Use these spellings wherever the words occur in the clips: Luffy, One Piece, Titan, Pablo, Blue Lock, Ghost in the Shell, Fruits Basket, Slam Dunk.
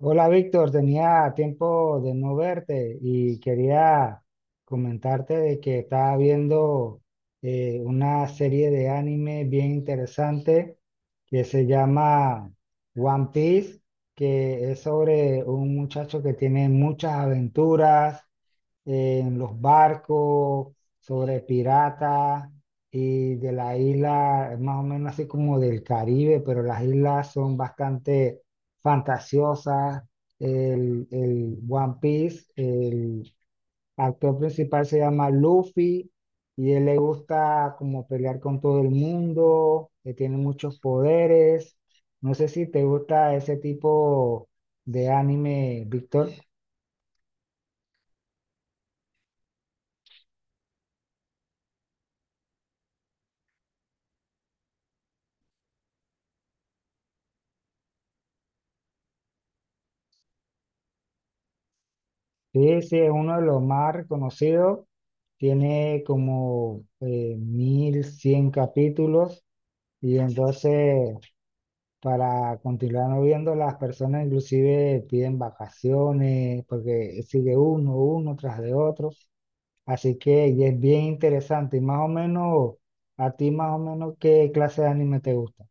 Hola Víctor, tenía tiempo de no verte y quería comentarte de que estaba viendo una serie de anime bien interesante que se llama One Piece, que es sobre un muchacho que tiene muchas aventuras, en los barcos, sobre piratas y de la isla, más o menos así como del Caribe, pero las islas son bastante fantasiosas. El One Piece, el actor principal se llama Luffy y él le gusta como pelear con todo el mundo, que tiene muchos poderes. No sé si te gusta ese tipo de anime, Víctor. Sí, sí, es uno de los más reconocidos. Tiene como 1100 capítulos y entonces para continuar no viendo las personas inclusive piden vacaciones porque sigue uno, uno tras de otro. Así que y es bien interesante y más o menos, a ti más o menos qué clase de anime te gusta.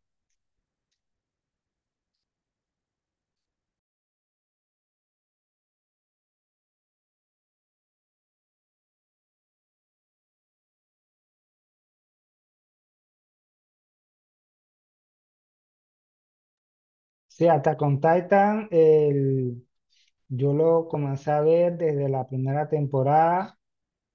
Sí, hasta con Titan yo lo comencé a ver desde la primera temporada.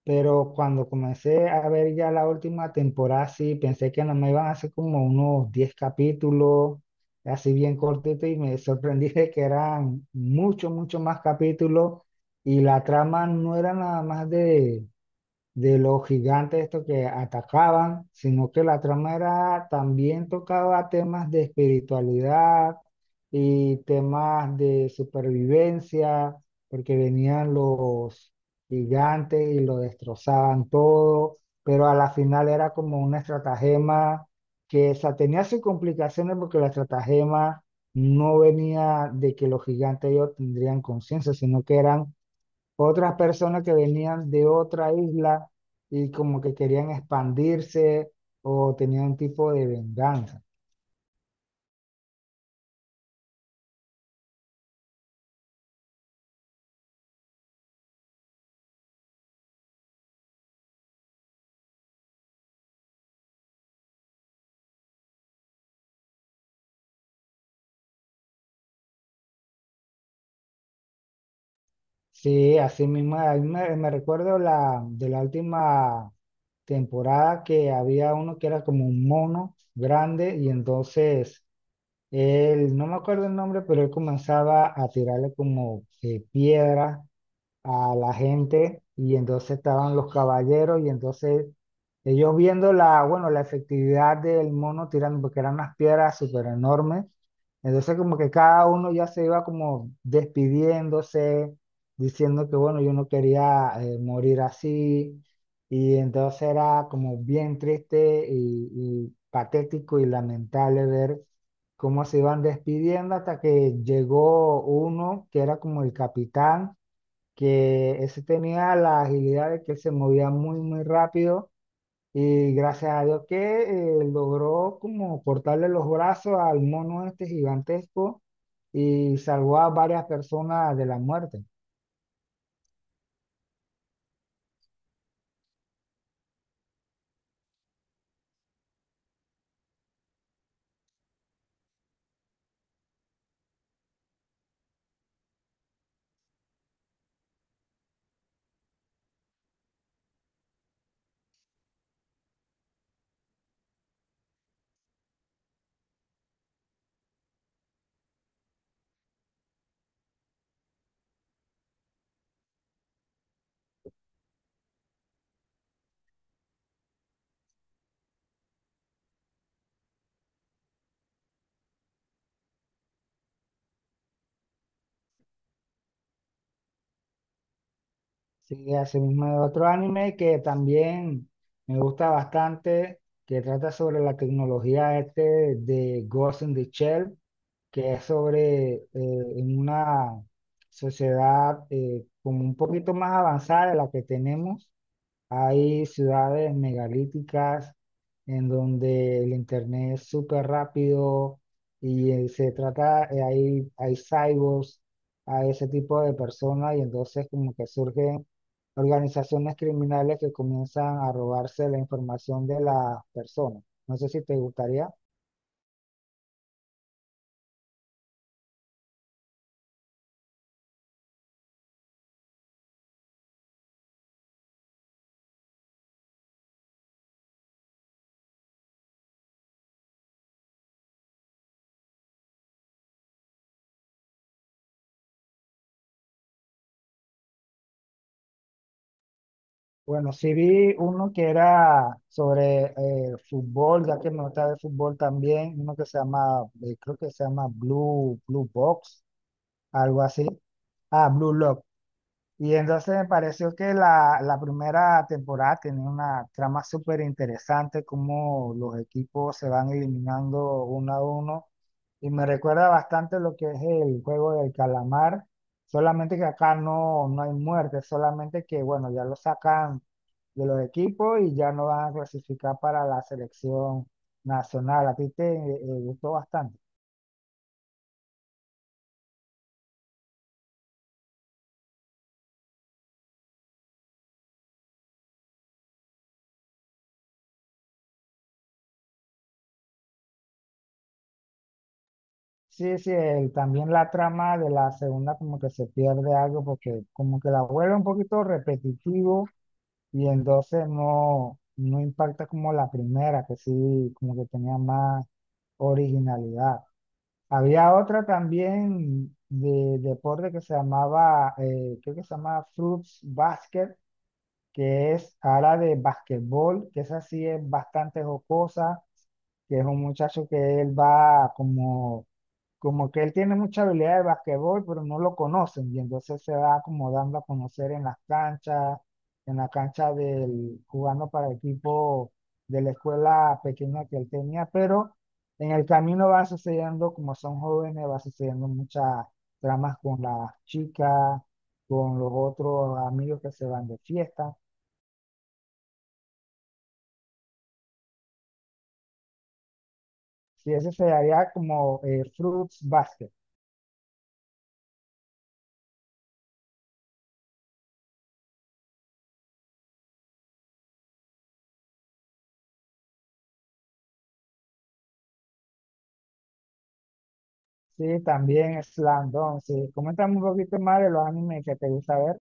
Pero cuando comencé a ver ya la última temporada, sí, pensé que no me iban a hacer como unos 10 capítulos, así bien cortito, y me sorprendí de que eran mucho, mucho más capítulos, y la trama no era nada más de los gigantes estos que atacaban, sino que la trama era, también tocaba temas de espiritualidad y temas de supervivencia, porque venían los gigantes y lo destrozaban todo, pero a la final era como una estratagema que o sea, tenía sus complicaciones porque la estratagema no venía de que los gigantes ellos tendrían conciencia, sino que eran otras personas que venían de otra isla y como que querían expandirse o tenían un tipo de venganza. Sí, así mismo, a mí me recuerdo la, de la última temporada que había uno que era como un mono grande y entonces él, no me acuerdo el nombre, pero él comenzaba a tirarle como piedras a la gente y entonces estaban los caballeros y entonces ellos viendo la, bueno, la efectividad del mono tirando, porque eran unas piedras súper enormes, entonces como que cada uno ya se iba como despidiéndose, diciendo que bueno, yo no quería morir así y entonces era como bien triste y patético y lamentable ver cómo se iban despidiendo hasta que llegó uno que era como el capitán que ese tenía la agilidad de que se movía muy, muy rápido y gracias a Dios que logró como cortarle los brazos al mono este gigantesco y salvó a varias personas de la muerte. Sí, así mismo hay otro anime que también me gusta bastante, que trata sobre la tecnología este de Ghost in the Shell, que es sobre en una sociedad como un poquito más avanzada de la que tenemos. Hay ciudades megalíticas en donde el internet es súper rápido y se trata, hay cyborgs, hay ese tipo de personas y entonces como que surgen organizaciones criminales que comienzan a robarse la información de las personas. No sé si te gustaría. Bueno, sí vi uno que era sobre fútbol, ya que me gusta ver fútbol también, uno que se llama, creo que se llama Blue Box, algo así. Ah, Blue Lock. Y entonces me pareció que la primera temporada tenía una trama súper interesante, como los equipos se van eliminando uno a uno. Y me recuerda bastante lo que es el juego del calamar, solamente que acá no hay muerte, solamente que, bueno, ya lo sacan de los equipos y ya no van a clasificar para la selección nacional. A ti te gustó bastante. Sí, sí, también la trama de la segunda como que se pierde algo porque como que la vuelve un poquito repetitivo y entonces no impacta como la primera, que sí, como que tenía más originalidad. Había otra también de deporte que se llamaba, creo que se llamaba Fruits Basket, que es ala de basquetbol, que esa sí es bastante jocosa, que es un muchacho que él va como, como que él tiene mucha habilidad de basquetbol, pero no lo conocen, y entonces se va como dando a conocer en las canchas, en la cancha del, jugando para el equipo de la escuela pequeña que él tenía, pero en el camino va sucediendo, como son jóvenes, va sucediendo muchas tramas con las chicas, con los otros amigos que se van de fiesta. Sí, ese sería como Fruits Basket. Sí, también Slam Dunk. Sí, coméntame un poquito más de los animes que te gusta ver.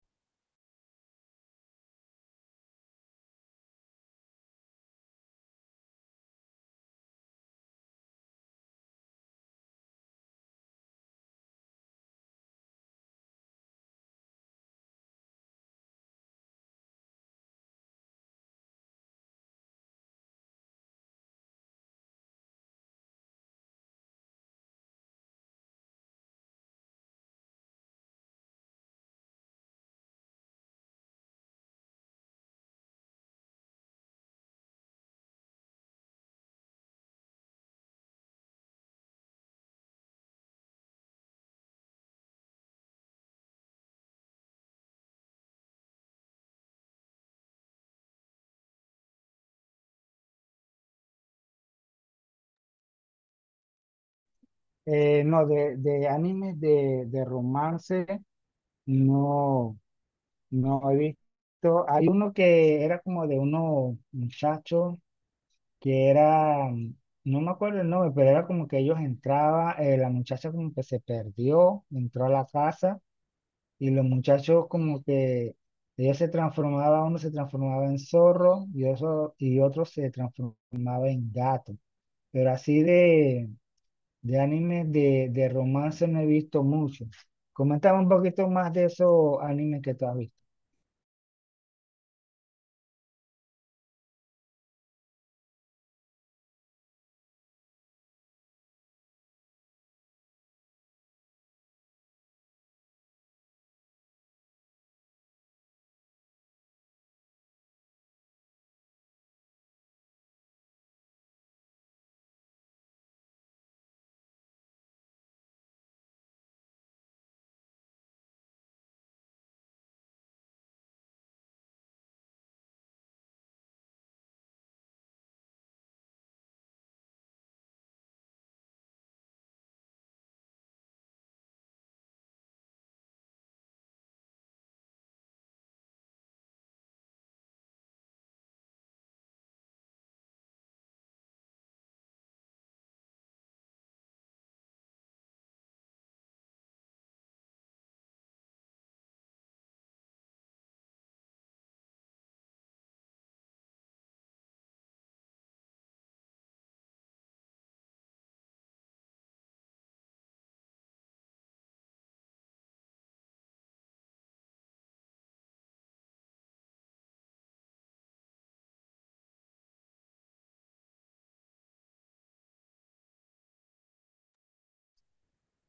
No, de animes de romance, no, no he visto. Hay uno que era como de unos muchachos que era, no me acuerdo el nombre, pero era como que ellos entraban, la muchacha como que se perdió, entró a la casa. Y los muchachos como que ellos se transformaban, uno se transformaba en zorro y otro se transformaba en gato. Pero así de animes de romance no he visto mucho. Coméntame un poquito más de esos animes que tú has visto.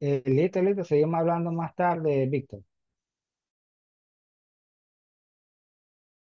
Listo, listo, seguimos hablando más tarde, Víctor.